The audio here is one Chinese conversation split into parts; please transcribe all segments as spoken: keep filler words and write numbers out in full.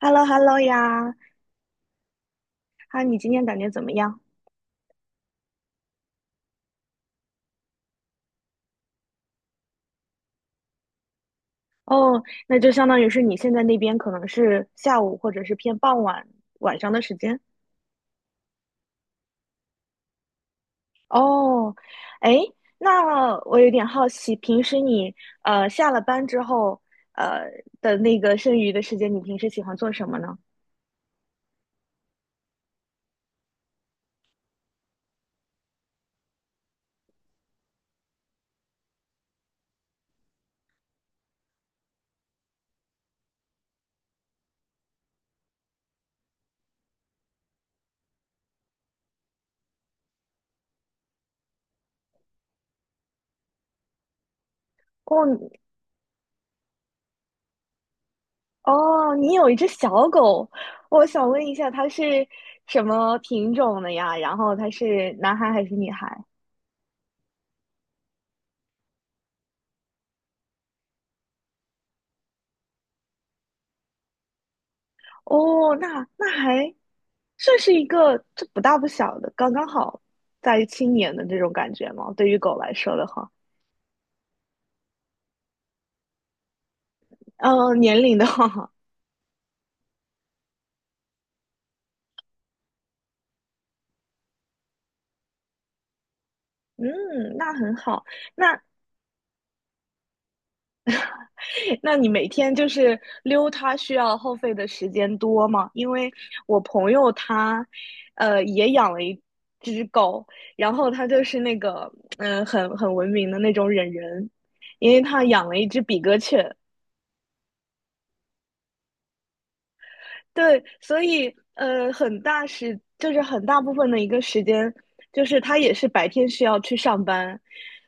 h e l l o h e l l o 呀，啊，你今天感觉怎么样？哦，那就相当于是你现在那边可能是下午或者是偏傍晚晚上的时间。哦，哎，那我有点好奇，平时你呃下了班之后呃的那个剩余的时间，你平时喜欢做什么呢？哦你哦，你有一只小狗，我想问一下它是什么品种的呀？然后它是男孩还是女孩？哦，那那还算是一个这不大不小的，刚刚好在青年的这种感觉嘛。对于狗来说的话，呃，年龄的话，嗯，那很好。那那你每天就是溜它需要耗费的时间多吗？因为我朋友他，呃，也养了一只狗，然后他就是那个，嗯、很很文明的那种忍人，因为他养了一只比格犬，对，所以呃，很大时就是很大部分的一个时间，就是他也是白天需要去上班，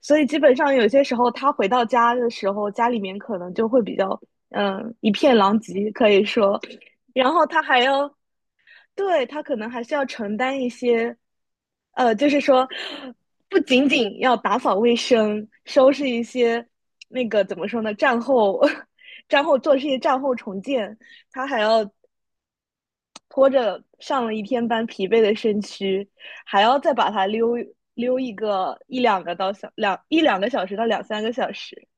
所以基本上有些时候他回到家的时候，家里面可能就会比较嗯、呃一片狼藉，可以说，然后他还要，对，他可能还是要承担一些呃，就是说不仅仅要打扫卫生，收拾一些那个怎么说呢，战后 战后做这些战后重建。他还要拖着上了一天班疲惫的身躯，还要再把它溜溜一个一两个到小两一两个小时到两三个小时。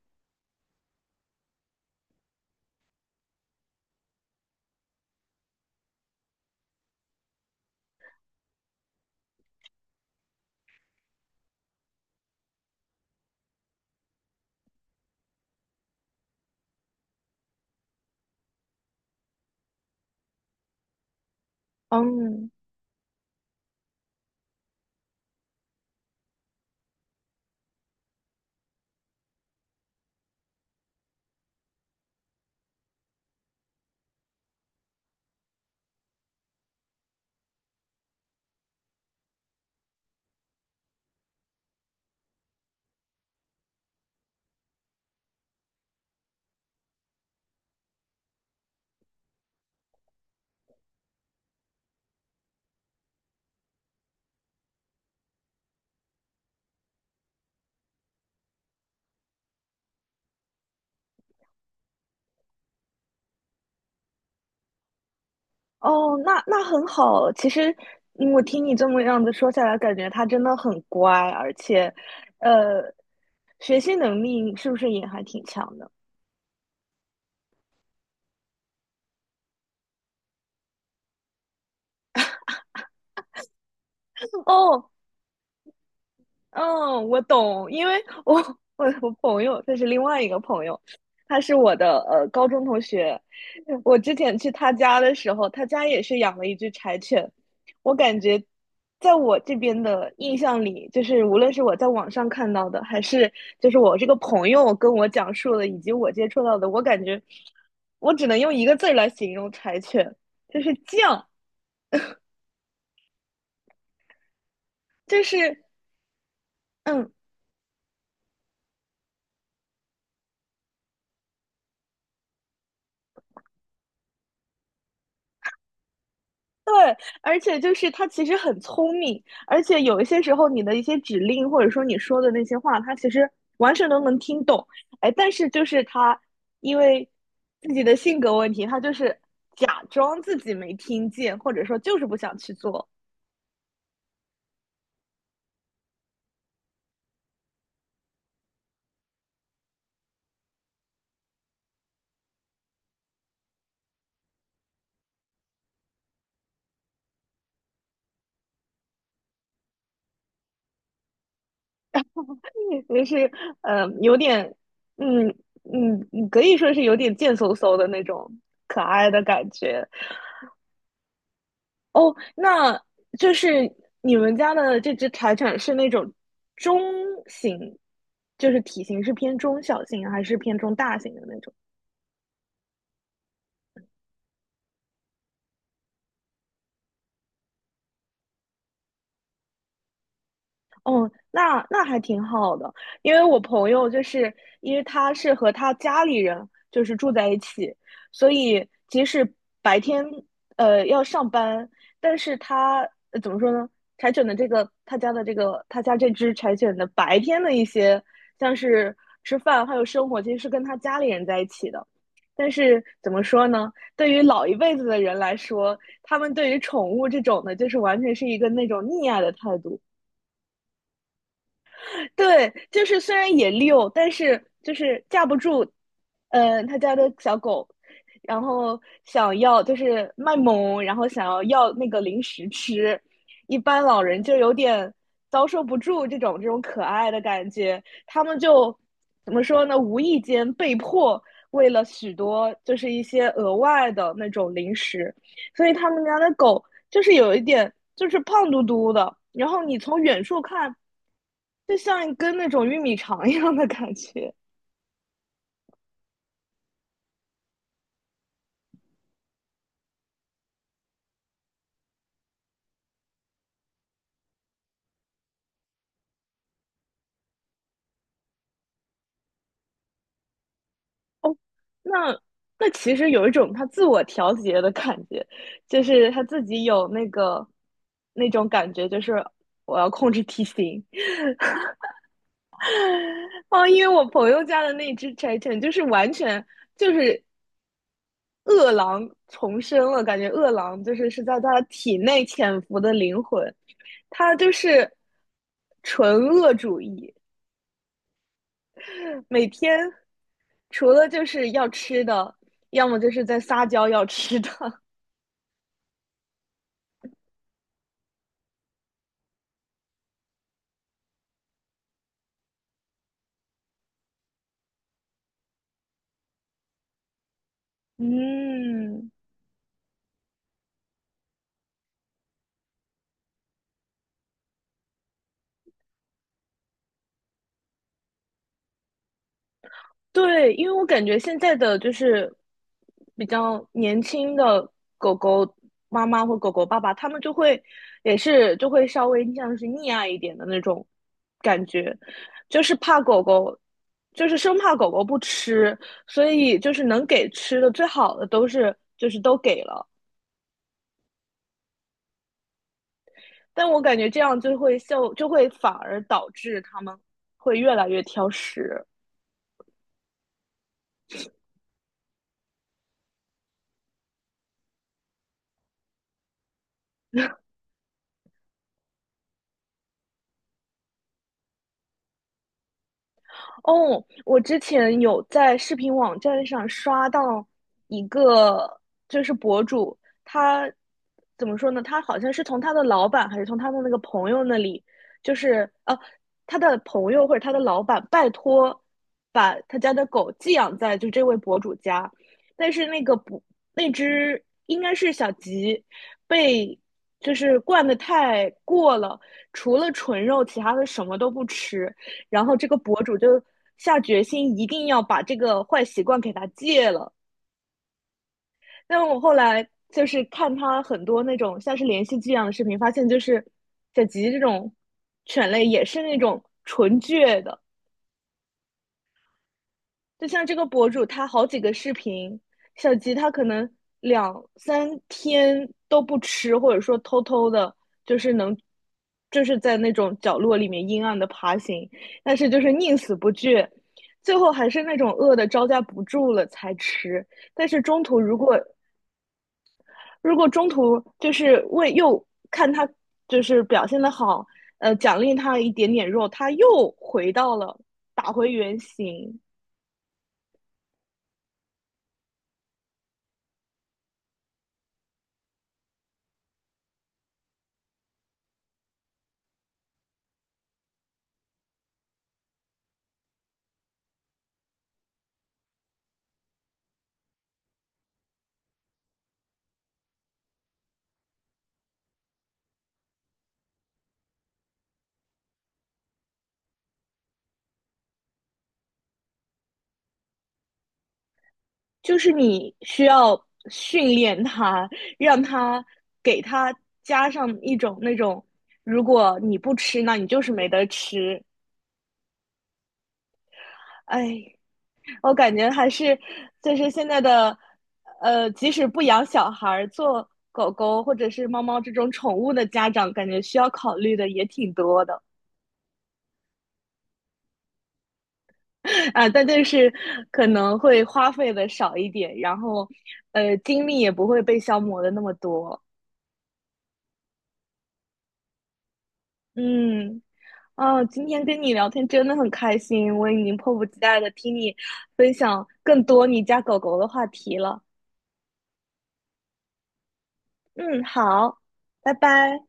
嗯，哦，那那很好。其实嗯我听你这么样子说下来，感觉他真的很乖，而且，呃，学习能力是不是也还挺强的？哦，嗯，我懂，因为我我我朋友这是另外一个朋友，他是我的呃高中同学。我之前去他家的时候，他家也是养了一只柴犬。我感觉，在我这边的印象里，就是无论是我在网上看到的，还是就是我这个朋友跟我讲述的，以及我接触到的，我感觉我只能用一个字儿来形容柴犬，就是犟，就是嗯，对，而且就是他其实很聪明，而且有一些时候你的一些指令或者说你说的那些话，他其实完全都能听懂。哎，但是就是他因为自己的性格问题，他就是假装自己没听见，或者说就是不想去做，就是呃有点嗯嗯，可以说是有点贱嗖嗖的那种可爱的感觉。哦，那就是你们家的这只柴犬是那种中型，就是体型是偏中小型还是偏中大型的那种？哦，那那还挺好的，因为我朋友就是因为他是和他家里人就是住在一起，所以即使白天呃要上班，但是他呃怎么说呢？柴犬的这个他家的这个他家这只柴犬的白天的一些像是吃饭还有生活，其实是跟他家里人在一起的。但是怎么说呢？对于老一辈子的人来说，他们对于宠物这种的，就是完全是一个那种溺爱的态度。对，就是虽然也溜，但是就是架不住，呃，他家的小狗，然后想要就是卖萌，然后想要要那个零食吃，一般老人就有点遭受不住这种这种可爱的感觉，他们就怎么说呢？无意间被迫为了许多就是一些额外的那种零食，所以他们家的狗就是有一点就是胖嘟嘟的，然后你从远处看。就像一根那种玉米肠 一样的感觉。哦，那那其实有一种他自我调节的感觉，就是他自己有那个那种感觉，就是我要控制体型。哦，因为我朋友家的那只柴犬就是完全就是饿狼重生了，感觉饿狼就是是在他体内潜伏的灵魂，他就是纯恶主义。每天除了就是要吃的，要么就是在撒娇要吃的。嗯，对，因为我感觉现在的就是比较年轻的狗狗妈妈或狗狗爸爸，他们就会也是就会稍微像是溺爱一点的那种感觉，就是怕狗狗，就是生怕狗狗不吃，所以就是能给吃的最好的都是就是都给了。但我感觉这样就会效，就会反而导致他们会越来越挑食。哦，我之前有在视频网站上刷到一个，就是博主，他怎么说呢？他好像是从他的老板还是从他的那个朋友那里，就是呃，他的朋友或者他的老板拜托把他家的狗寄养在就这位博主家，但是那个不，那只应该是小吉，被就是惯的太过了，除了纯肉，其他的什么都不吃。然后这个博主就下决心一定要把这个坏习惯给他戒了。但我后来就是看他很多那种像是连续剧一样的视频，发现就是小吉这种犬类也是那种纯倔的，就像这个博主，他好几个视频，小吉他可能两三天都不吃，或者说偷偷的，就是能，就是在那种角落里面阴暗的爬行，但是就是宁死不惧，最后还是那种饿的招架不住了才吃。但是中途如果如果中途就是为又看他就是表现的好，呃，奖励他一点点肉，他又回到了打回原形。就是你需要训练它，让它给它加上一种那种，如果你不吃，那你就是没得吃。哎，我感觉还是就是现在的，呃，即使不养小孩儿，做狗狗或者是猫猫这种宠物的家长，感觉需要考虑的也挺多的 啊，但就是可能会花费的少一点，然后，呃，精力也不会被消磨的那么多。嗯。啊，今天跟你聊天真的很开心，我已经迫不及待的听你分享更多你家狗狗的话题了。嗯，好，拜拜。